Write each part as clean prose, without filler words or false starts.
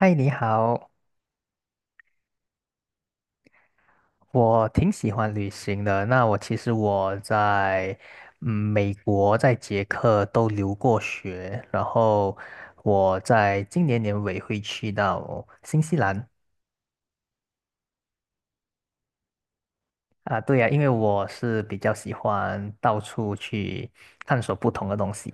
嗨，你好，我挺喜欢旅行的。那其实我在美国，在捷克都留过学，然后我在今年年尾会去到新西兰啊。对呀，因为我是比较喜欢到处去探索不同的东西。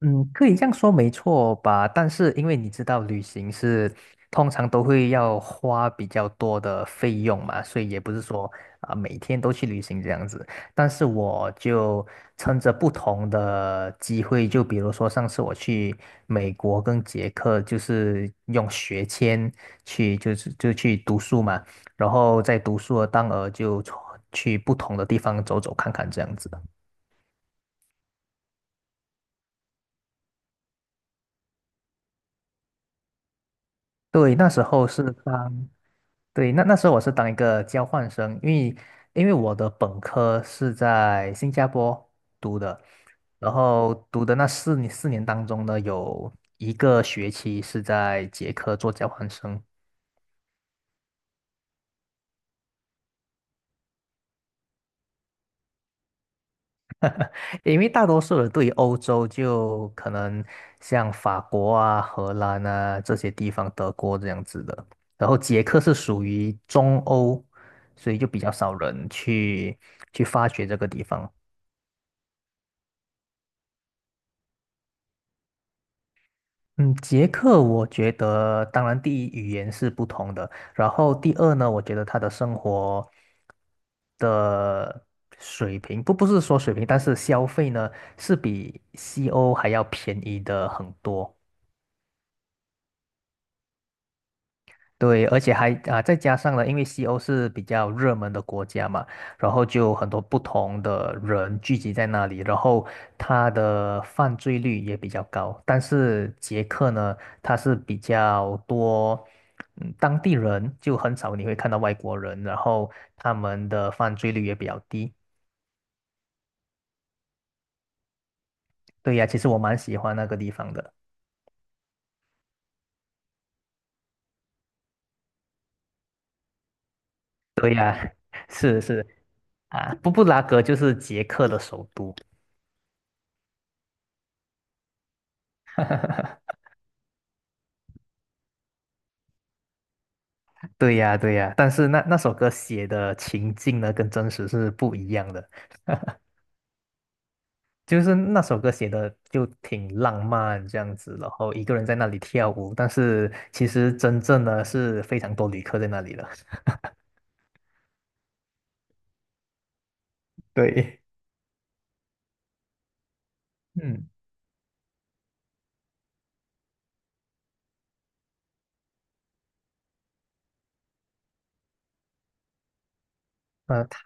嗯，可以这样说没错吧？但是因为你知道，旅行是通常都会要花比较多的费用嘛，所以也不是说每天都去旅行这样子。但是我就趁着不同的机会，就比如说上次我去美国跟捷克，就是用学签去，就是就去读书嘛，然后在读书的当儿就去不同的地方走走看看这样子。对，那时候是当。对，那时候我是当一个交换生，因为我的本科是在新加坡读的，然后读的那四年当中呢，有一个学期是在捷克做交换生，因为大多数人对于欧洲就可能像法国啊、荷兰啊这些地方、德国这样子的，然后捷克是属于中欧，所以就比较少人去发掘这个地方。嗯，捷克我觉得，当然第一语言是不同的，然后第二呢，我觉得他的生活的水平，不是说水平，但是消费呢是比西欧还要便宜的很多。对，而且还啊，再加上了，因为西欧是比较热门的国家嘛，然后就很多不同的人聚集在那里，然后它的犯罪率也比较高。但是捷克呢，它是比较多，当地人就很少你会看到外国人，然后他们的犯罪率也比较低。对呀，其实我蛮喜欢那个地方的。对呀，是是啊，布拉格就是捷克的首都。对呀，对呀，但是那首歌写的情境呢，跟真实是不一样的。就是那首歌写的就挺浪漫这样子，然后一个人在那里跳舞，但是其实真正呢是非常多旅客在那里的。对，嗯，呃，它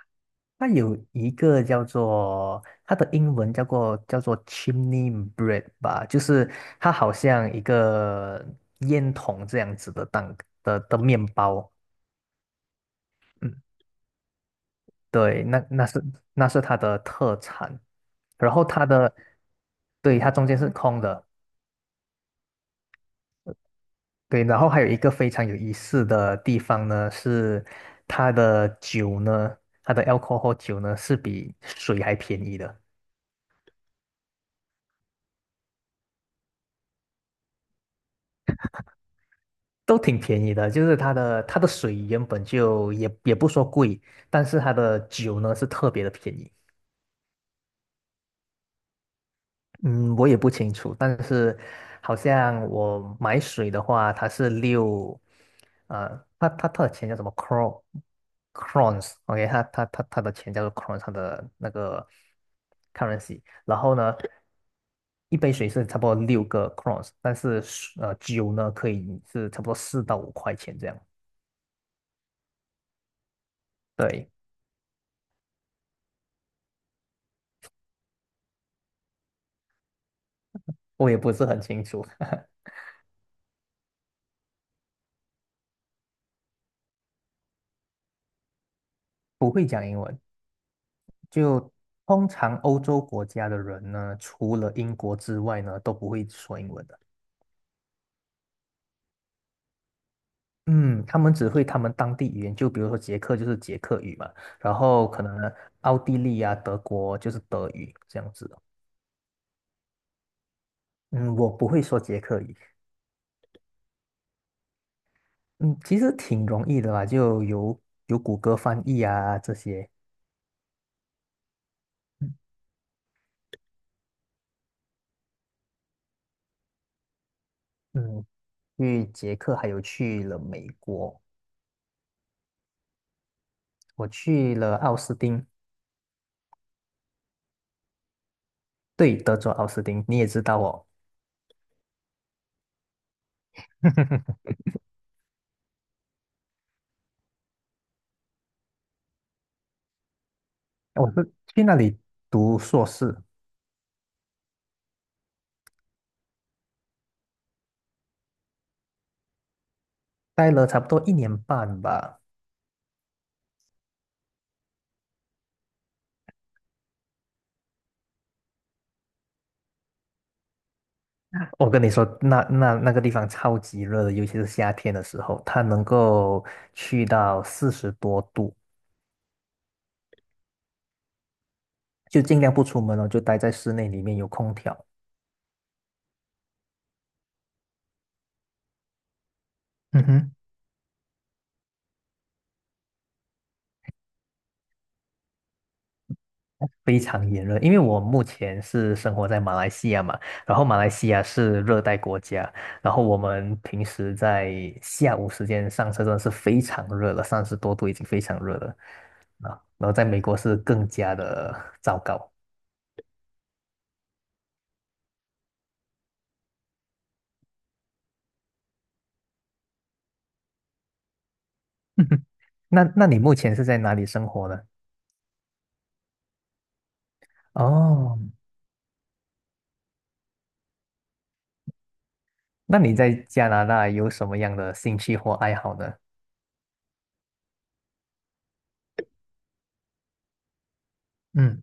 它有一个叫做它的英文叫做 chimney bread 吧，就是它好像一个烟筒这样子的蛋的面包。嗯对，那是它的特产，然后它的，对，它中间是空的，对，然后还有一个非常有意思的地方呢，是它的酒呢，它的 alcohol 酒呢是比水还便宜的，都挺便宜的，就是它的水原本就也不说贵，但是它的酒呢是特别的便宜。嗯，我也不清楚，但是好像我买水的话，它是六，呃，它的钱叫什么 c r o crons，OK，它的钱叫做 crons，它的那个 currency。然后呢，一杯水是差不多六个 crons，但是酒呢可以是差不多4到5块钱这样。对，我也不是很清楚，不会讲英文。就通常欧洲国家的人呢，除了英国之外呢，都不会说英文的。嗯，他们只会他们当地语言，就比如说捷克就是捷克语嘛，然后可能奥地利啊、德国就是德语这样子的。嗯，我不会说捷克语。嗯，其实挺容易的啦，就有谷歌翻译啊这些。嗯，嗯去捷克还有去了美国，我去了奥斯汀，对，德州奥斯汀，你也知道哦。我是去那里读硕士，待了差不多一年半吧。我跟你说，那个地方超级热的，尤其是夏天的时候，它能够去到40多度，就尽量不出门哦，就待在室内里面有空调。嗯哼。非常炎热，因为我目前是生活在马来西亚嘛，然后马来西亚是热带国家，然后我们平时在下午时间上车真的是非常热了，30多度已经非常热了啊，然后在美国是更加的糟糕。那你目前是在哪里生活呢？哦，那你在加拿大有什么样的兴趣或爱好呢？嗯。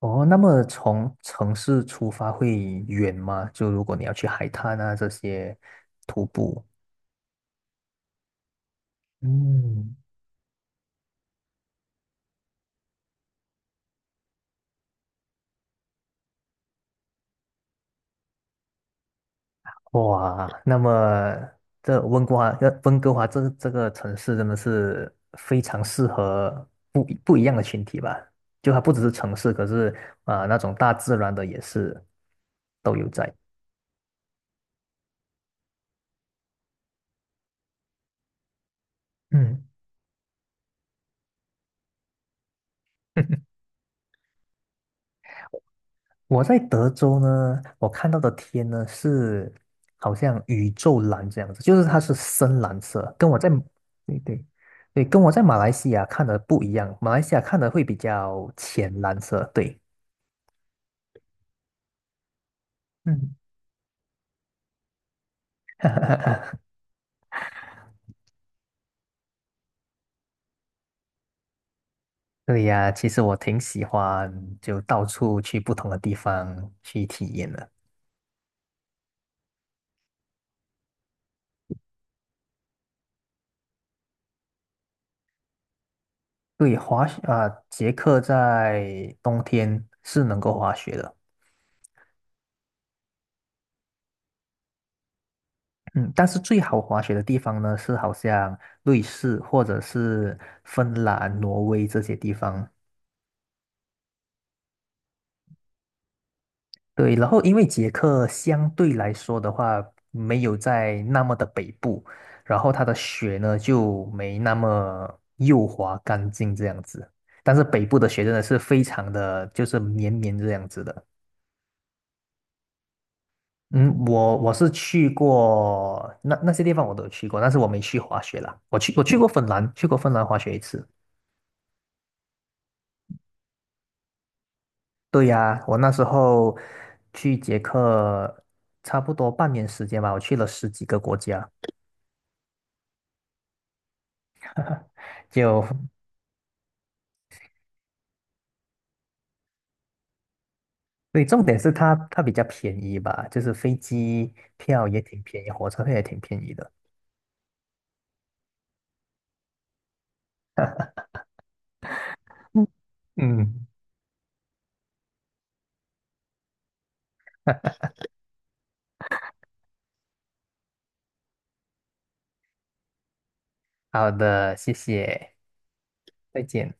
哦，那么从城市出发会远吗？就如果你要去海滩啊这些徒步，嗯，哇，那么这温哥华，温哥华这个城市真的是非常适合不一样的群体吧？就它不只是城市，可是那种大自然的也是都有在。嗯，我在德州呢，我看到的天呢是好像宇宙蓝这样子，就是它是深蓝色，跟我在对对对，跟我在马来西亚看的不一样，马来西亚看的会比较浅蓝色，对，嗯，对呀，其实我挺喜欢就到处去不同的地方去体验的。对，滑雪啊，捷克在冬天是能够滑雪的。嗯，但是最好滑雪的地方呢，是好像瑞士或者是芬兰、挪威这些地方。对，然后因为捷克相对来说的话，没有在那么的北部，然后它的雪呢就没那么幼滑干净这样子。但是北部的雪真的是非常的，就是绵绵这样子的。嗯，我是去过那些地方我都有去过，但是我没去滑雪啦。我去过芬兰，去过芬兰滑雪一次。对呀，我那时候去捷克差不多半年时间吧，我去了十几个国家。就，对，重点是它比较便宜吧，就是飞机票也挺便宜，火车票也挺便宜的。嗯，嗯，好的，谢谢，再见。